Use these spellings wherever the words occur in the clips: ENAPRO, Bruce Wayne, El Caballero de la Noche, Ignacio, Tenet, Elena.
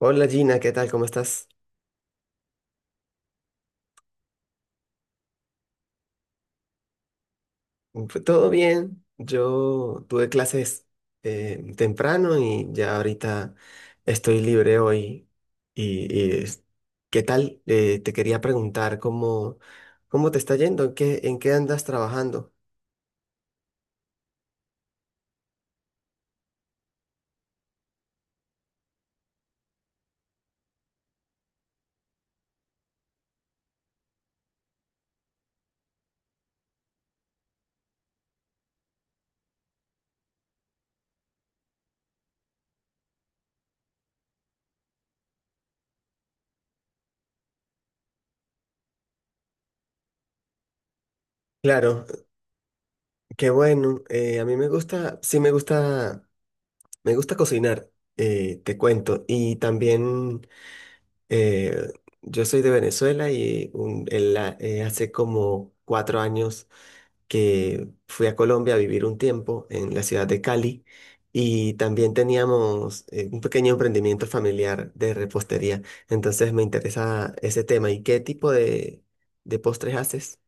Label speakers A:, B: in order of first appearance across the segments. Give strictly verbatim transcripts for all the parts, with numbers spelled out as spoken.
A: Hola Gina, ¿qué tal? ¿Cómo estás? Mm, Pues, Todo bien. Yo tuve clases eh, temprano y ya ahorita estoy libre hoy. Y, y, es- ¿Qué tal? Eh, te quería preguntar cómo, cómo te está yendo, en qué, en qué andas trabajando. Claro, qué bueno. Eh, a mí me gusta, sí me gusta, me gusta cocinar, eh, te cuento. Y también eh, yo soy de Venezuela y un- el- la- eh, hace como cuatro años que fui a Colombia a vivir un tiempo en la ciudad de Cali y también teníamos eh, un pequeño emprendimiento familiar de repostería. Entonces me interesa ese tema. ¿Y qué tipo de, de postres haces?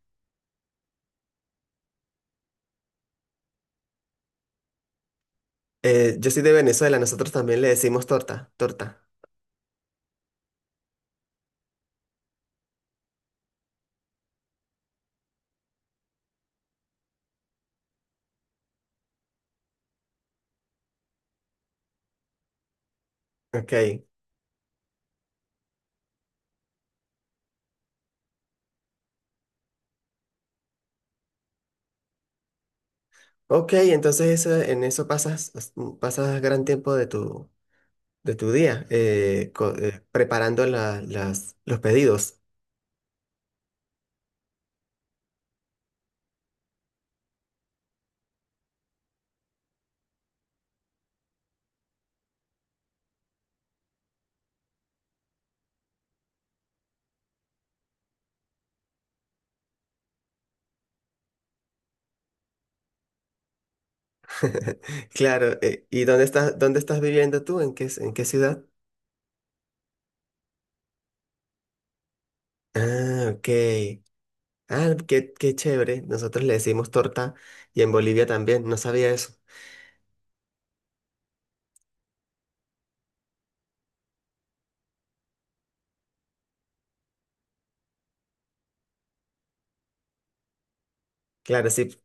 A: Eh, yo soy de Venezuela, nosotros también le decimos torta, torta. Ok. Ok, entonces eso- en eso pasas, as- mm, pasas gran tiempo de tu, de tu día eh, co- eh, preparando la- las, los pedidos. Claro, eh, ¿y dónde estás, dónde estás viviendo tú? ¿En qué, en qué ciudad? Ah, ok. Ah, qué, qué chévere. Nosotros le decimos torta y en Bolivia también, no sabía eso. Claro, sí,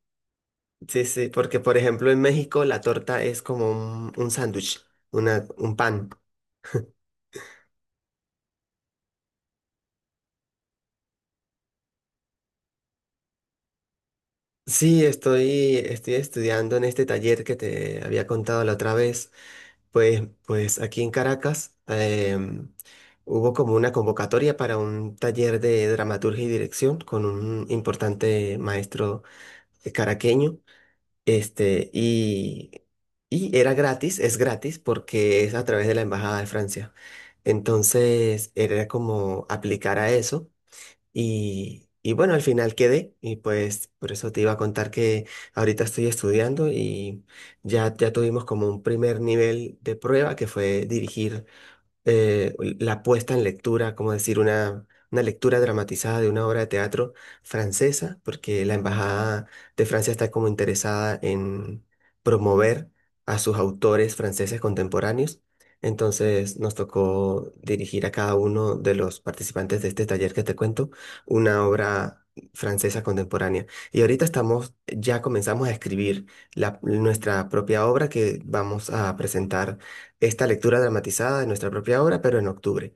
A: sí, sí, porque por ejemplo en México la torta es como un, un sándwich, una, un pan. Sí, estoy, estoy estudiando en este taller que te había contado la otra vez. Pues, pues aquí en Caracas em, hubo como una convocatoria para un taller de dramaturgia y dirección con un importante maestro eh, caraqueño. Este, y, y era gratis, es gratis porque es a través de la Embajada de Francia. Entonces era como aplicar a eso y, y bueno, al final quedé y pues por eso te iba a contar que ahorita estoy estudiando y ya, ya tuvimos como un primer nivel de prueba que fue dirigir eh, la puesta en lectura, como decir, una, una lectura dramatizada de una obra de teatro francesa, porque la Embajada de Francia está como interesada en promover a sus autores franceses contemporáneos. Entonces nos tocó dirigir a cada uno de los participantes de este taller que te cuento una obra francesa contemporánea. Y ahorita estamos, ya comenzamos a escribir la- nuestra propia obra que vamos a presentar esta lectura dramatizada de nuestra propia obra, pero en octubre.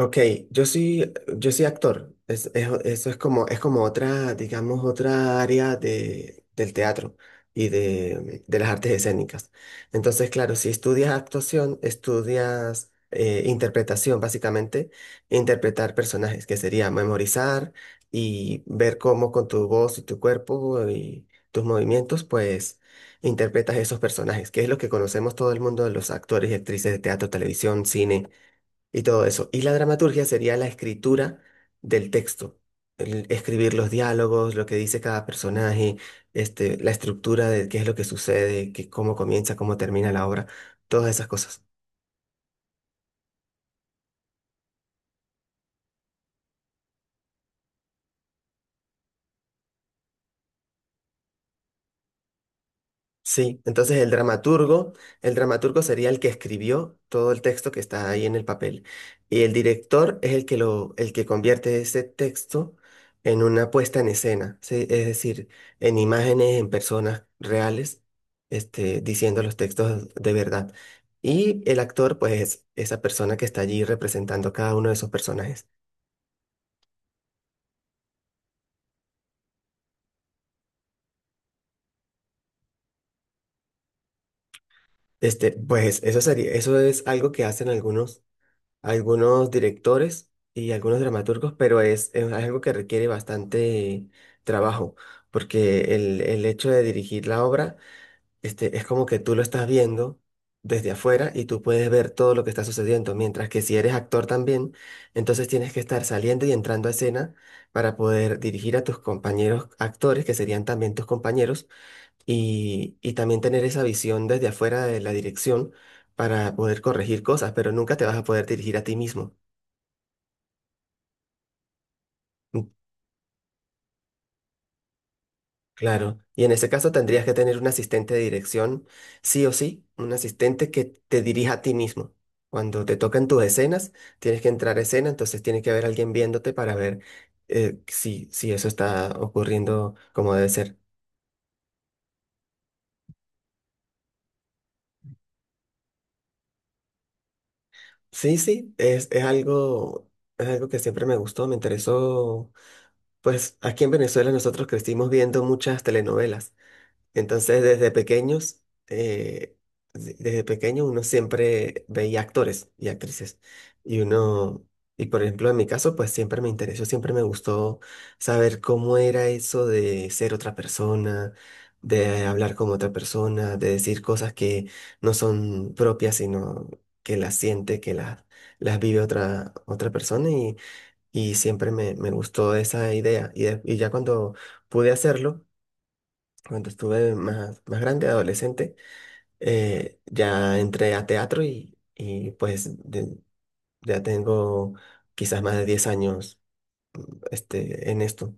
A: Ok, yo soy, yo soy actor. Es- es- eso es como, es como otra, digamos, otra área de, del teatro y de, de las artes escénicas. Entonces, claro, si estudias actuación, estudias eh, interpretación, básicamente, interpretar personajes, que sería memorizar y ver cómo con tu voz y tu cuerpo y tus movimientos, pues, interpretas esos personajes, que es lo que conocemos todo el mundo de los actores y actrices de teatro, televisión, cine y todo eso. Y la dramaturgia sería la escritura del texto, el escribir los diálogos, lo que dice cada personaje, este, la estructura de qué es lo que sucede, qué, cómo comienza, cómo termina la obra, todas esas cosas. Sí, entonces el dramaturgo, el dramaturgo sería el que escribió todo el texto que está ahí en el papel y el director es el que lo, el que convierte ese texto en una puesta en escena, ¿sí? Es decir, en imágenes, en personas reales, este, diciendo los textos de verdad. Y el actor, pues, es esa persona que está allí representando cada uno de esos personajes. Este, pues, eso sería, eso es algo que hacen algunos algunos directores y algunos dramaturgos, pero es, es algo que requiere bastante trabajo, porque el, el hecho de dirigir la obra, este, es como que tú lo estás viendo desde afuera y tú puedes ver todo lo que está sucediendo, mientras que si eres actor también, entonces tienes que estar saliendo y entrando a escena para poder dirigir a tus compañeros actores, que serían también tus compañeros, y, y también tener esa visión desde afuera de la dirección para poder corregir cosas, pero nunca te vas a poder dirigir a ti mismo. Mm, Claro, y en ese caso tendrías que tener un asistente de dirección, sí o sí, un asistente que te dirija a ti mismo. Cuando te tocan tus escenas, tienes que entrar a escena, entonces tiene que haber alguien viéndote para ver eh, si, si eso está ocurriendo como debe ser. Sí, sí, es, es algo, es algo que siempre me gustó, me interesó. Pues aquí en Venezuela nosotros crecimos viendo muchas telenovelas. Entonces, desde pequeños, eh, de- desde pequeño uno siempre veía actores y actrices. Y uno, y por ejemplo, en mi caso, pues siempre me interesó, siempre me gustó saber cómo era eso de ser otra persona, de hablar como otra persona, de decir cosas que no son propias, sino que las siente, que las, las vive otra, otra persona. Y, y siempre me, me gustó esa idea. Y, de- y ya cuando pude hacerlo, cuando estuve más, más grande, adolescente, eh, ya entré a teatro y, y pues de- ya tengo quizás más de diez años este, en esto.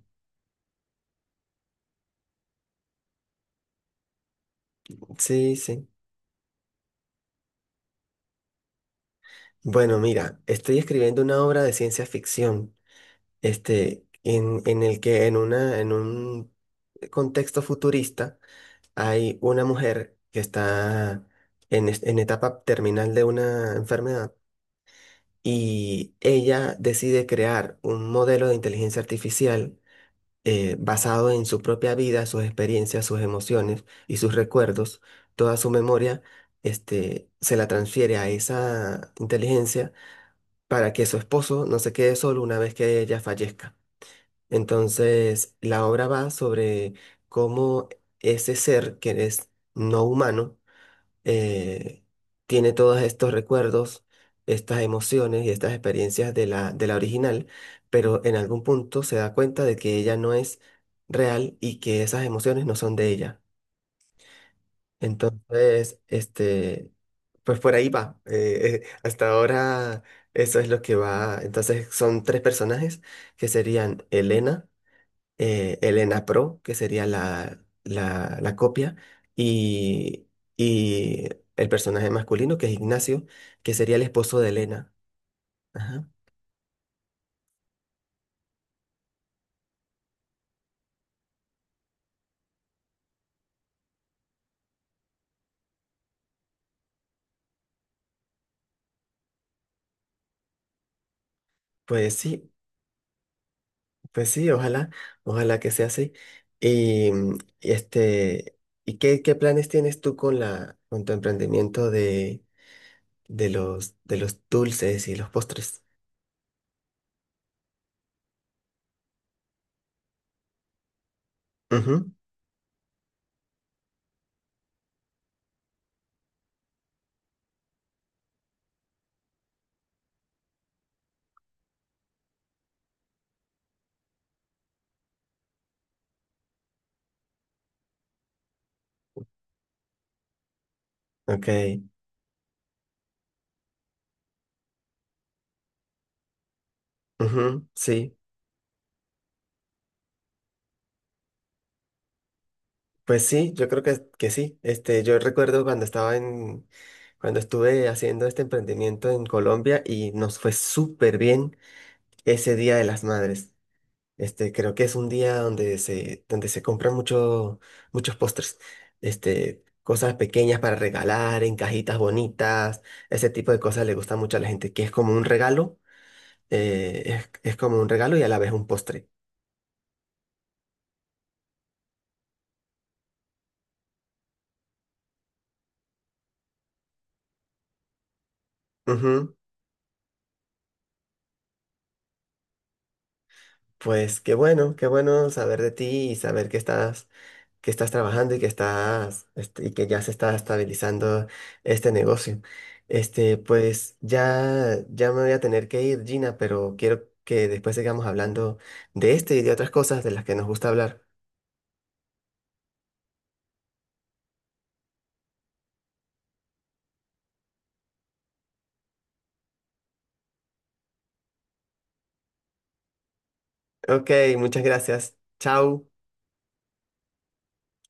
A: Sí, sí. Bueno, mira, estoy escribiendo una obra de ciencia ficción, este, en, en el que en una, en un contexto futurista hay una mujer que está en, es- en etapa terminal de una enfermedad y ella decide crear un modelo de inteligencia artificial eh, basado en su propia vida, sus experiencias, sus emociones y sus recuerdos, toda su memoria, este, se la transfiere a esa inteligencia para que su esposo no se quede solo una vez que ella fallezca. Entonces, la obra va sobre cómo ese ser que es no humano, eh, tiene todos estos recuerdos, estas emociones y estas experiencias de la, de la original, pero en algún punto se da cuenta de que ella no es real y que esas emociones no son de ella. Entonces, este, pues por ahí va. Eh, eh, hasta ahora eso es lo que va. Entonces son tres personajes que serían Elena eh, el E N A P R O, que sería la, la, la copia, y, y el personaje masculino, que es Ignacio, que sería el esposo de Elena. Ajá. Pues sí, pues sí, ojalá, ojalá que sea así. Y mm, y este, ¿y qué, qué planes tienes tú con la, con tu emprendimiento de, de los, de los dulces y los postres? Ujú, Ok, ujú, sí. Pues sí, yo creo que, que sí. Este, yo recuerdo cuando estaba en, cuando estuve haciendo este emprendimiento en Colombia y nos fue súper bien ese Día de las Madres. Este, creo que es un día donde se, donde se compran mucho, muchos postres. Este, cosas pequeñas para regalar, en cajitas bonitas. Ese tipo de cosas le gusta mucho a la gente, que es como un regalo, eh, es, es como un regalo y a la vez un postre. Ujú. Pues qué bueno, qué bueno saber de ti y saber que estás que estás trabajando y que estás este, y que ya se está estabilizando este negocio. Este, pues ya, ya me voy a tener que ir, Gina, pero quiero que después sigamos hablando de este y de otras cosas de las que nos gusta hablar. Ok, muchas gracias. Chao.